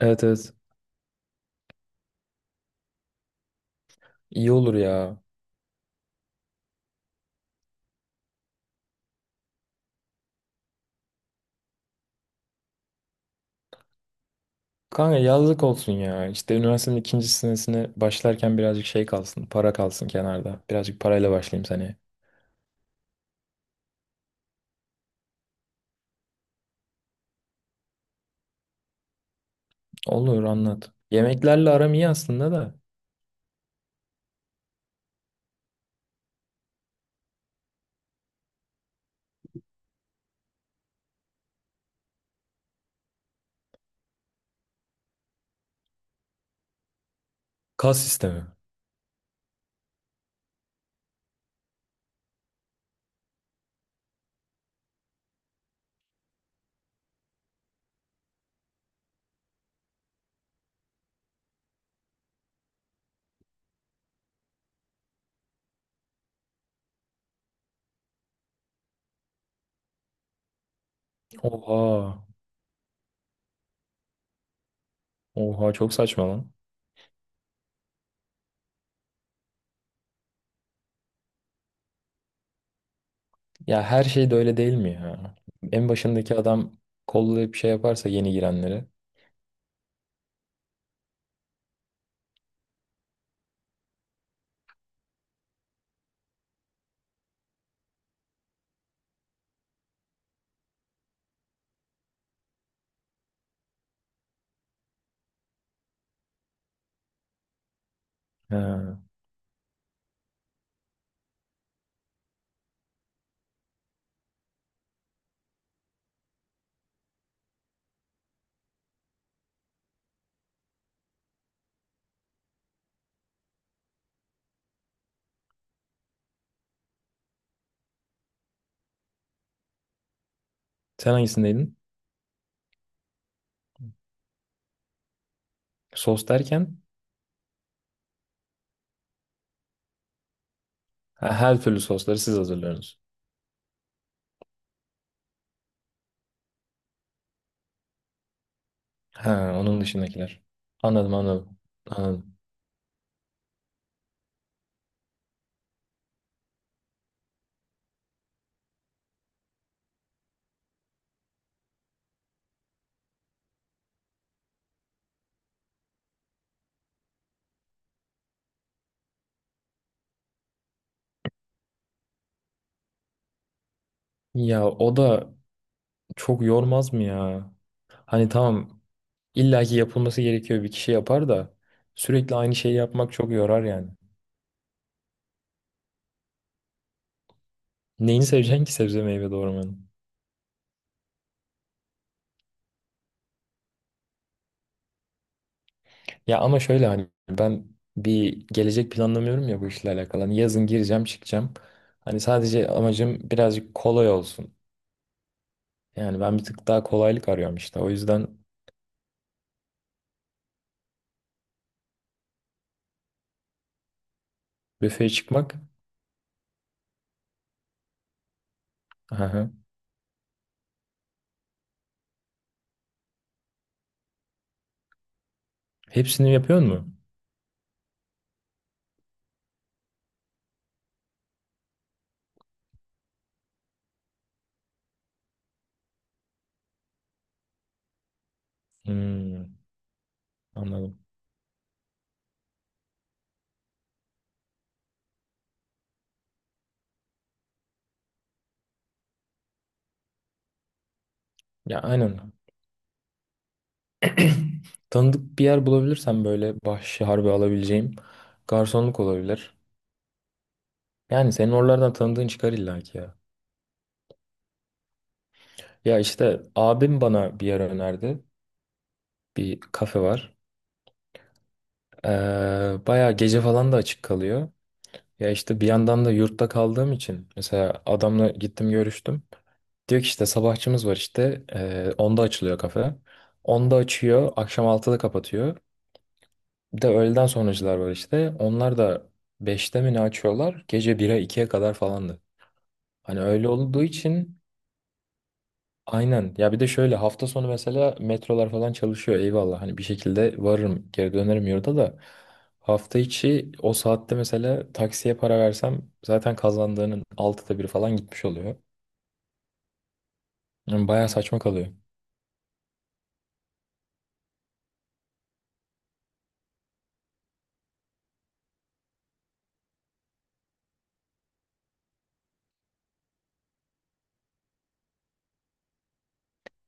Evet evet. İyi olur ya. Kanka yazlık olsun ya. İşte üniversitenin ikinci senesine başlarken birazcık şey kalsın. Para kalsın kenarda. Birazcık parayla başlayayım seneye. Olur anlat. Yemeklerle aram iyi aslında da. Kas sistemi. Oha. Oha çok saçma lan. Ya her şey de öyle değil mi ya? En başındaki adam kollayıp şey yaparsa yeni girenleri. Ha. Sen hangisindeydin? Sos derken ha, her türlü sosları siz hazırlıyorsunuz. Ha, onun dışındakiler. Anladım anladım. Anladım. Ya o da çok yormaz mı ya? Hani tamam, illaki yapılması gerekiyor, bir kişi yapar da sürekli aynı şeyi yapmak çok yorar yani. Neyini seveceksin ki sebze meyve doğramanın? Ya ama şöyle, hani ben bir gelecek planlamıyorum ya bu işle alakalı. Hani yazın gireceğim çıkacağım. Hani sadece amacım birazcık kolay olsun. Yani ben bir tık daha kolaylık arıyorum işte. O yüzden. Büfeye çıkmak. Aha. Hepsini yapıyor mu? Hmm, anladım. Ya aynen. Tanıdık bir yer bulabilirsem böyle bahşişi harbi alabileceğim, garsonluk olabilir. Yani senin oralardan tanıdığın çıkar illa ki ya. Ya işte abim bana bir yer önerdi. Bir kafe var. Bayağı gece falan da açık kalıyor. Ya işte bir yandan da yurtta kaldığım için mesela adamla gittim görüştüm. Diyor ki işte sabahçımız var işte. Onda açılıyor kafe. Onda açıyor, akşam 6'da kapatıyor. Bir de öğleden sonracılar var işte. Onlar da beşte mi ne açıyorlar? Gece 1'e 2'ye kadar falandı. Hani öyle olduğu için aynen. Ya bir de şöyle, hafta sonu mesela metrolar falan çalışıyor, eyvallah. Hani bir şekilde varırım, geri dönerim yurda da. Hafta içi o saatte mesela taksiye para versem zaten kazandığının 6'da biri falan gitmiş oluyor. Yani bayağı saçma kalıyor.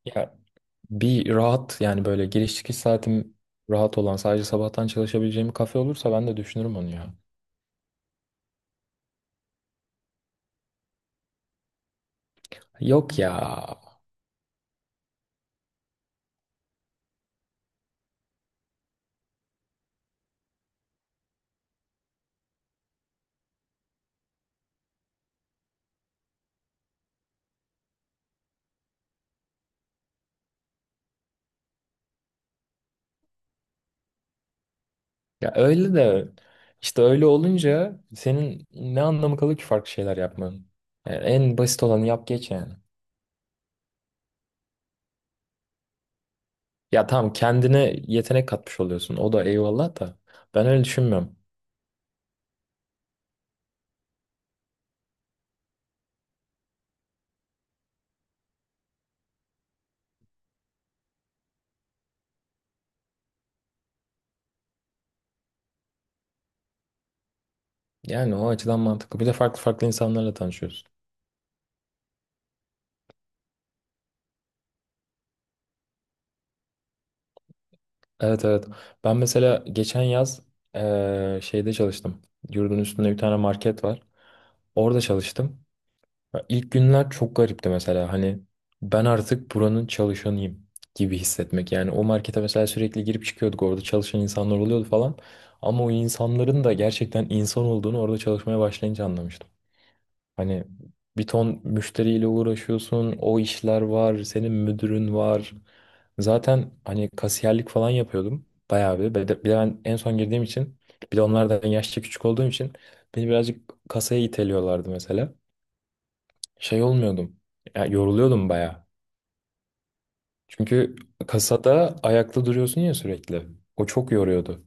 Ya bir rahat yani, böyle giriş çıkış saatim rahat olan, sadece sabahtan çalışabileceğim bir kafe olursa ben de düşünürüm onu ya. Yok ya. Ya öyle de, işte öyle olunca senin ne anlamı kalır ki farklı şeyler yapmanın? Yani en basit olanı yap geç yani. Ya tamam, kendine yetenek katmış oluyorsun. O da eyvallah da ben öyle düşünmüyorum. Yani o açıdan mantıklı. Bir de farklı farklı insanlarla tanışıyorsun. Evet evet. Ben mesela geçen yaz şeyde çalıştım. Yurdun üstünde bir tane market var. Orada çalıştım. Ya İlk günler çok garipti mesela, hani ben artık buranın çalışanıyım gibi hissetmek. Yani o markete mesela sürekli girip çıkıyorduk, orada çalışan insanlar oluyordu falan. Ama o insanların da gerçekten insan olduğunu orada çalışmaya başlayınca anlamıştım. Hani bir ton müşteriyle uğraşıyorsun, o işler var, senin müdürün var. Zaten hani kasiyerlik falan yapıyordum bayağı bir. Bir de ben en son girdiğim için, bir de onlardan yaşça küçük olduğum için beni birazcık kasaya iteliyorlardı mesela, şey olmuyordum. Ya yoruluyordum baya. Çünkü kasada ayakta duruyorsun ya sürekli. O çok yoruyordu.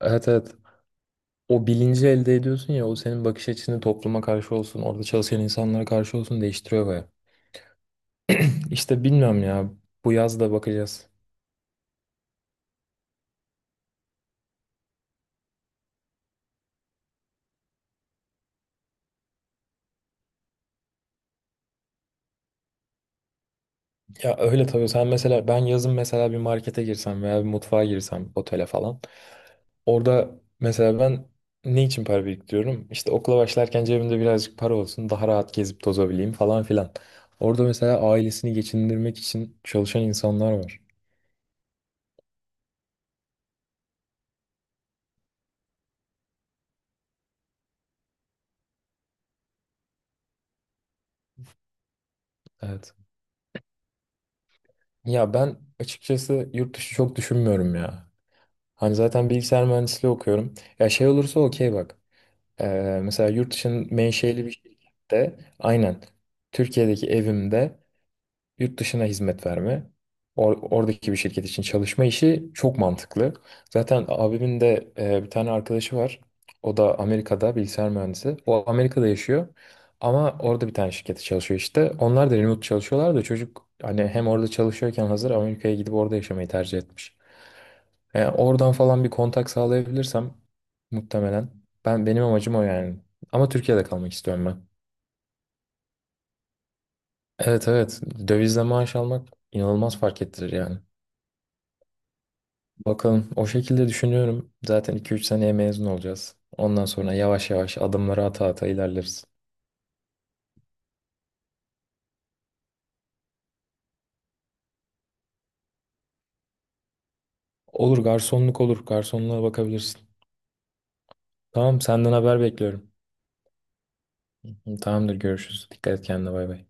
Evet evet. O bilinci elde ediyorsun ya, o senin bakış açını topluma karşı olsun, orada çalışan insanlara karşı olsun değiştiriyor baya. İşte bilmiyorum ya. Bu yaz da bakacağız. Ya öyle tabii, sen mesela ben yazın mesela bir markete girsem veya bir mutfağa girsem, otele falan. Orada mesela ben ne için para biriktiriyorum? İşte okula başlarken cebimde birazcık para olsun, daha rahat gezip tozabileyim falan filan. Orada mesela ailesini geçindirmek için çalışan insanlar var. Evet. Ya ben açıkçası yurt dışı çok düşünmüyorum ya. Hani zaten bilgisayar mühendisliği okuyorum. Ya şey olursa okey bak. Mesela yurt dışının menşeli bir şirkette, aynen, Türkiye'deki evimde, yurt dışına hizmet verme, oradaki bir şirket için çalışma işi çok mantıklı. Zaten abimin de bir tane arkadaşı var. O da Amerika'da bilgisayar mühendisi. O Amerika'da yaşıyor ama orada bir tane şirkette çalışıyor işte. Onlar da remote çalışıyorlar da çocuk hani hem orada çalışıyorken hazır Amerika'ya gidip orada yaşamayı tercih etmiş. Oradan falan bir kontak sağlayabilirsem muhtemelen benim amacım o yani. Ama Türkiye'de kalmak istiyorum ben. Evet evet, dövizle maaş almak inanılmaz fark ettirir yani. Bakalım, o şekilde düşünüyorum. Zaten 2-3 seneye mezun olacağız. Ondan sonra yavaş yavaş adımları ata ata ilerleriz. Olur, garsonluk olur. Garsonluğa bakabilirsin. Tamam, senden haber bekliyorum. Tamamdır, görüşürüz. Dikkat et kendine, bay bay.